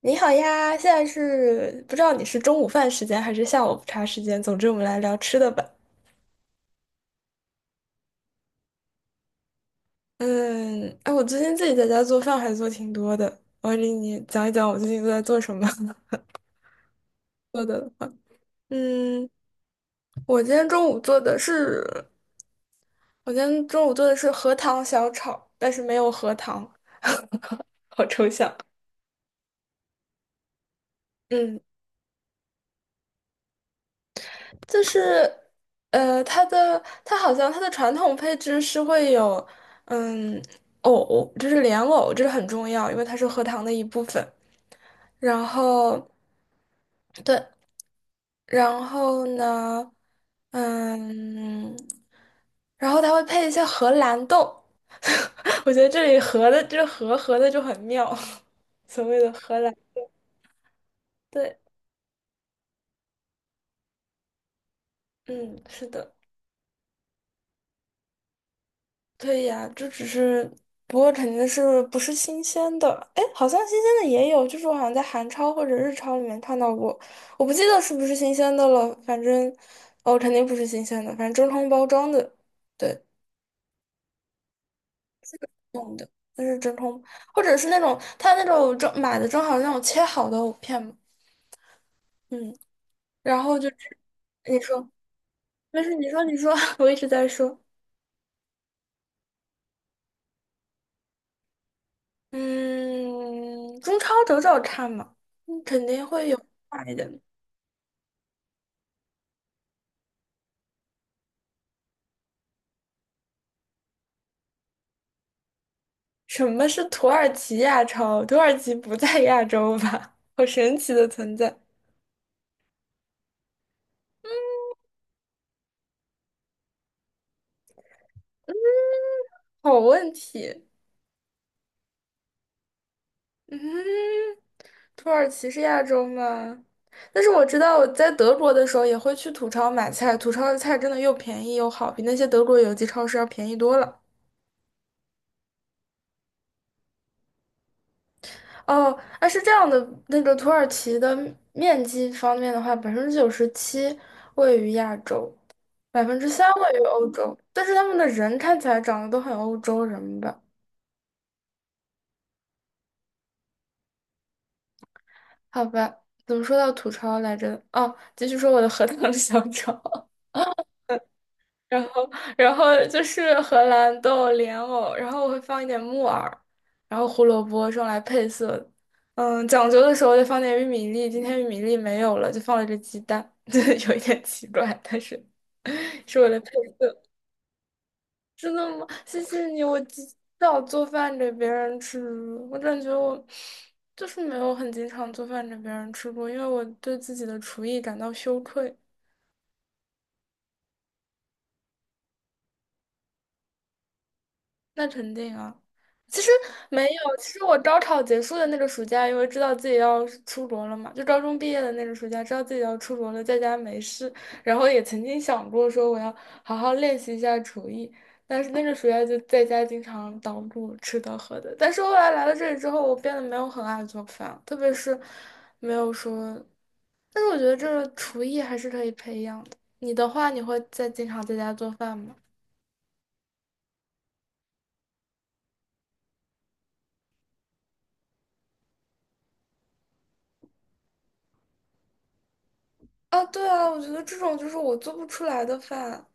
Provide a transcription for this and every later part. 你好呀，现在是不知道你是中午饭时间还是下午茶时间，总之我们来聊吃的吧。我最近自己在家做饭还做挺多的，我给你讲一讲我最近都在做什么。 做的的话。嗯，我今天中午做的是，我今天中午做的是荷塘小炒，但是没有荷塘，好抽象。嗯，就是，呃，它的它好像它的传统配置是会有，嗯，藕，就是莲藕，这是很重要，因为它是荷塘的一部分。然后，对，然后呢，嗯，然后它会配一些荷兰豆，我觉得这里荷的这个荷的就很妙，所谓的荷兰，对，嗯，是的。对呀，这只是，不过肯定是不是新鲜的。哎，好像新鲜的也有，就是我好像在韩超或者日超里面看到过，我不记得是不是新鲜的了。哦，肯定不是新鲜的，反正真空包装的，对，弄的，那是真空，或者是那种正买的正好是那种切好的藕片嘛，嗯，然后就是你说没事，你说。我一直在说，嗯，中超找找看嘛，嗯肯定会有卖的。什么是土耳其亚超？土耳其不在亚洲吧？好神奇的存在，好问题。嗯，土耳其是亚洲吗？但是我知道我在德国的时候也会去土超买菜，土超的菜真的又便宜又好，比那些德国有机超市要便宜多了。哦，啊是这样的，那个土耳其的面积方面的话，97%位于亚洲，3%位于欧洲，但是他们的人看起来长得都很欧洲人吧。好吧，怎么说到吐槽来着？哦，继续说我的荷塘小炒。然后，然后就是荷兰豆、莲藕，然后我会放一点木耳，然后胡萝卜是用来配色的。讲究的时候就放点玉米粒，今天玉米粒没有了，就放了只鸡蛋，就有一点奇怪，但是 是为了配色。真的吗？谢谢你，我极少做饭给别人吃。我感觉我就是没有很经常做饭给别人吃过，因为我对自己的厨艺感到羞愧。那肯定啊。其实没有，其实我高考结束的那个暑假，因为知道自己要出国了嘛，就高中毕业的那个暑假，知道自己要出国了，在家没事，然后也曾经想过说我要好好练习一下厨艺，但是那个暑假就在家经常捣鼓吃的喝的。但是后来来了这里之后，我变得没有很爱做饭，特别是没有说，但是我觉得这个厨艺还是可以培养的。你的话，你会在经常在家做饭吗？啊，对啊，我觉得这种就是我做不出来的饭。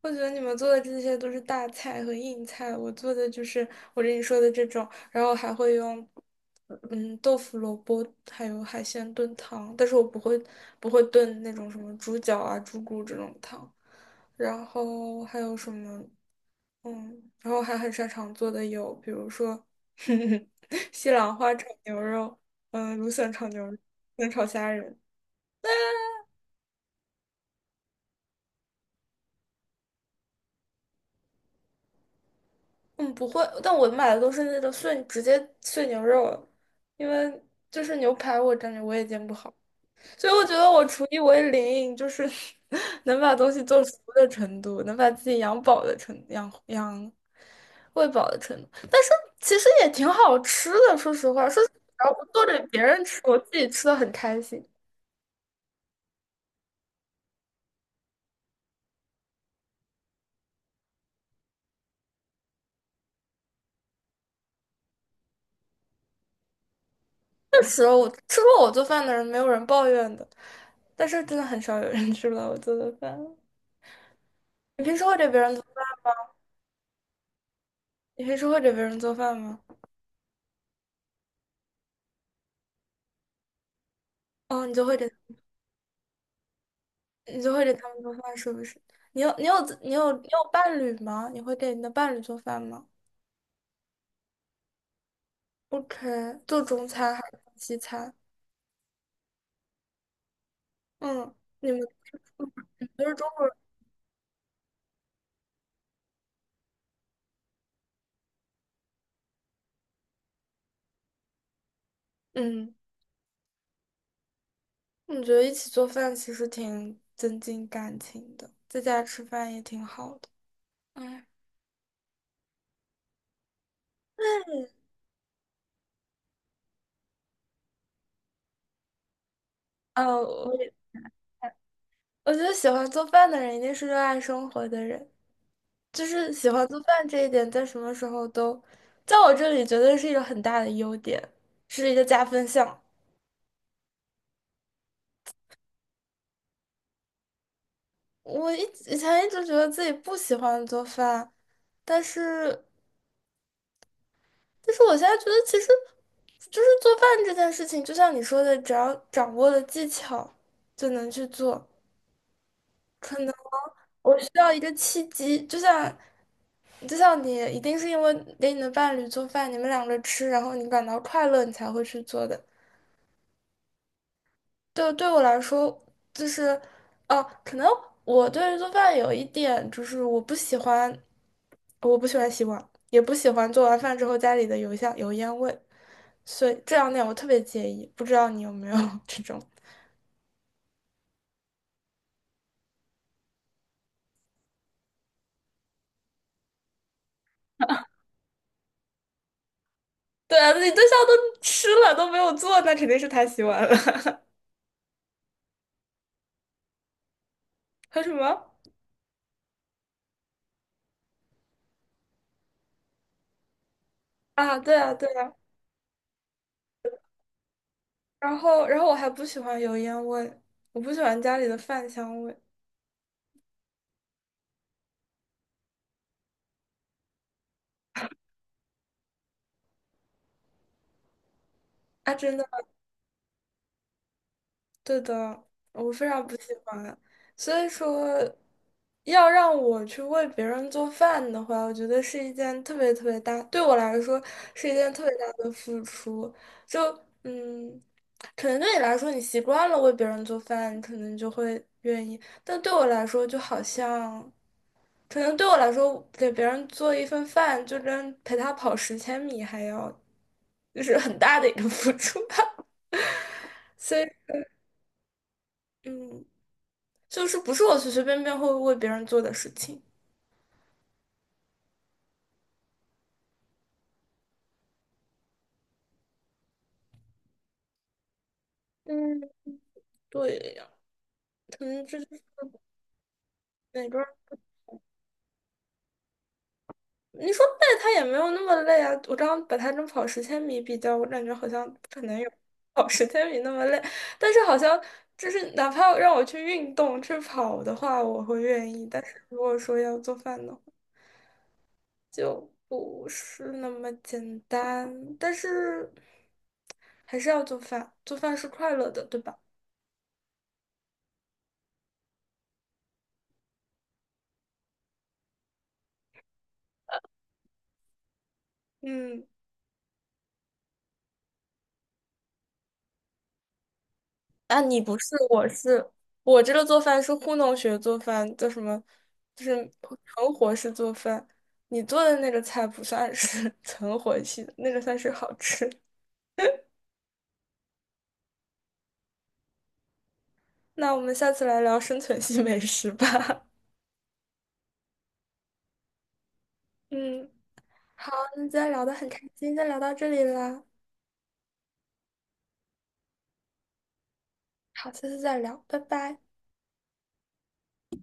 我觉得你们做的这些都是大菜和硬菜，我做的就是我跟你说的这种，然后还会用，嗯，豆腐、萝卜还有海鲜炖汤，但是我不会不会炖那种什么猪脚啊、猪骨这种汤。然后还有什么，嗯，然后还很擅长做的有，比如说 西兰花炒牛肉，嗯，芦笋炒牛肉，芦笋炒虾仁。嗯，不会，但我买的都是那种碎，直接碎牛肉了，因为就是牛排，我感觉我也煎不好，所以我觉得我厨艺为零，就是 能把东西做熟的程度，能把自己养饱的程养养喂饱的程度，但是其实也挺好吃的，说实话，我做给别人吃，我自己吃的很开心。确实，我吃过我做饭的人，没有人抱怨的，但是真的很少有人吃了我做的饭。你平时会给别人做？你平时会给别人做饭吗？哦，你就会给他们做饭，是不是？你有伴侣吗？你会给你的伴侣做饭吗？OK,做中餐还是西餐？嗯，你们你都是中国人。嗯，我觉得一起做饭其实挺增进感情的，在家吃饭也挺好的。哎，呃，我我觉得喜欢做饭的人一定是热爱生活的人。就是喜欢做饭这一点，在什么时候都，在我这里绝对是一个很大的优点，是一个加分项。我一以前一直觉得自己不喜欢做饭，但是，但是我现在觉得其实，就是做饭这件事情，就像你说的，只要掌握了技巧，就能去做。可能我需要一个契机，就像你一定是因为给你的伴侣做饭，你们两个吃，然后你感到快乐，你才会去做的。对，对我来说，就是，哦、可能我对于做饭有一点，就是我不喜欢，我不喜欢洗碗，也不喜欢做完饭之后家里的油香油烟味，所以这两点我特别介意。不知道你有没有 这种？对啊，你对象都吃了都没有做，那肯定是他洗碗了。还有什么？啊，对啊，对啊。然后我还不喜欢油烟味，我不喜欢家里的饭香味。啊，真的。对的，我非常不喜欢。所以说，要让我去为别人做饭的话，我觉得是一件特别特别大，对我来说是一件特别大的付出。就嗯，可能对你来说，你习惯了为别人做饭，你可能就会愿意。但对我来说，就好像，可能对我来说，给别人做一份饭，就跟陪他跑十千米还要，就是很大的一个付出吧。所以。嗯，就是不是我随随便便会为别人做的事情。嗯，对呀，可能这就是哪边儿。你说累，他也没有那么累啊。我刚刚把他跟跑十千米比较，我感觉好像不可能有 跑十千米那么累。但是好像就是哪怕让我去运动去跑的话，我会愿意。但是如果说要做饭的话，就不是那么简单。但是还是要做饭，做饭是快乐的，对吧？嗯。啊，你不是，我是我这个做饭是糊弄学做饭，叫什么？就是存活式做饭。你做的那个菜不算是 存活系的，那个算是好吃。那我们下次来聊生存系美食吧。嗯，好，那今天聊得很开心，先聊到这里啦。好，下次再聊，拜拜。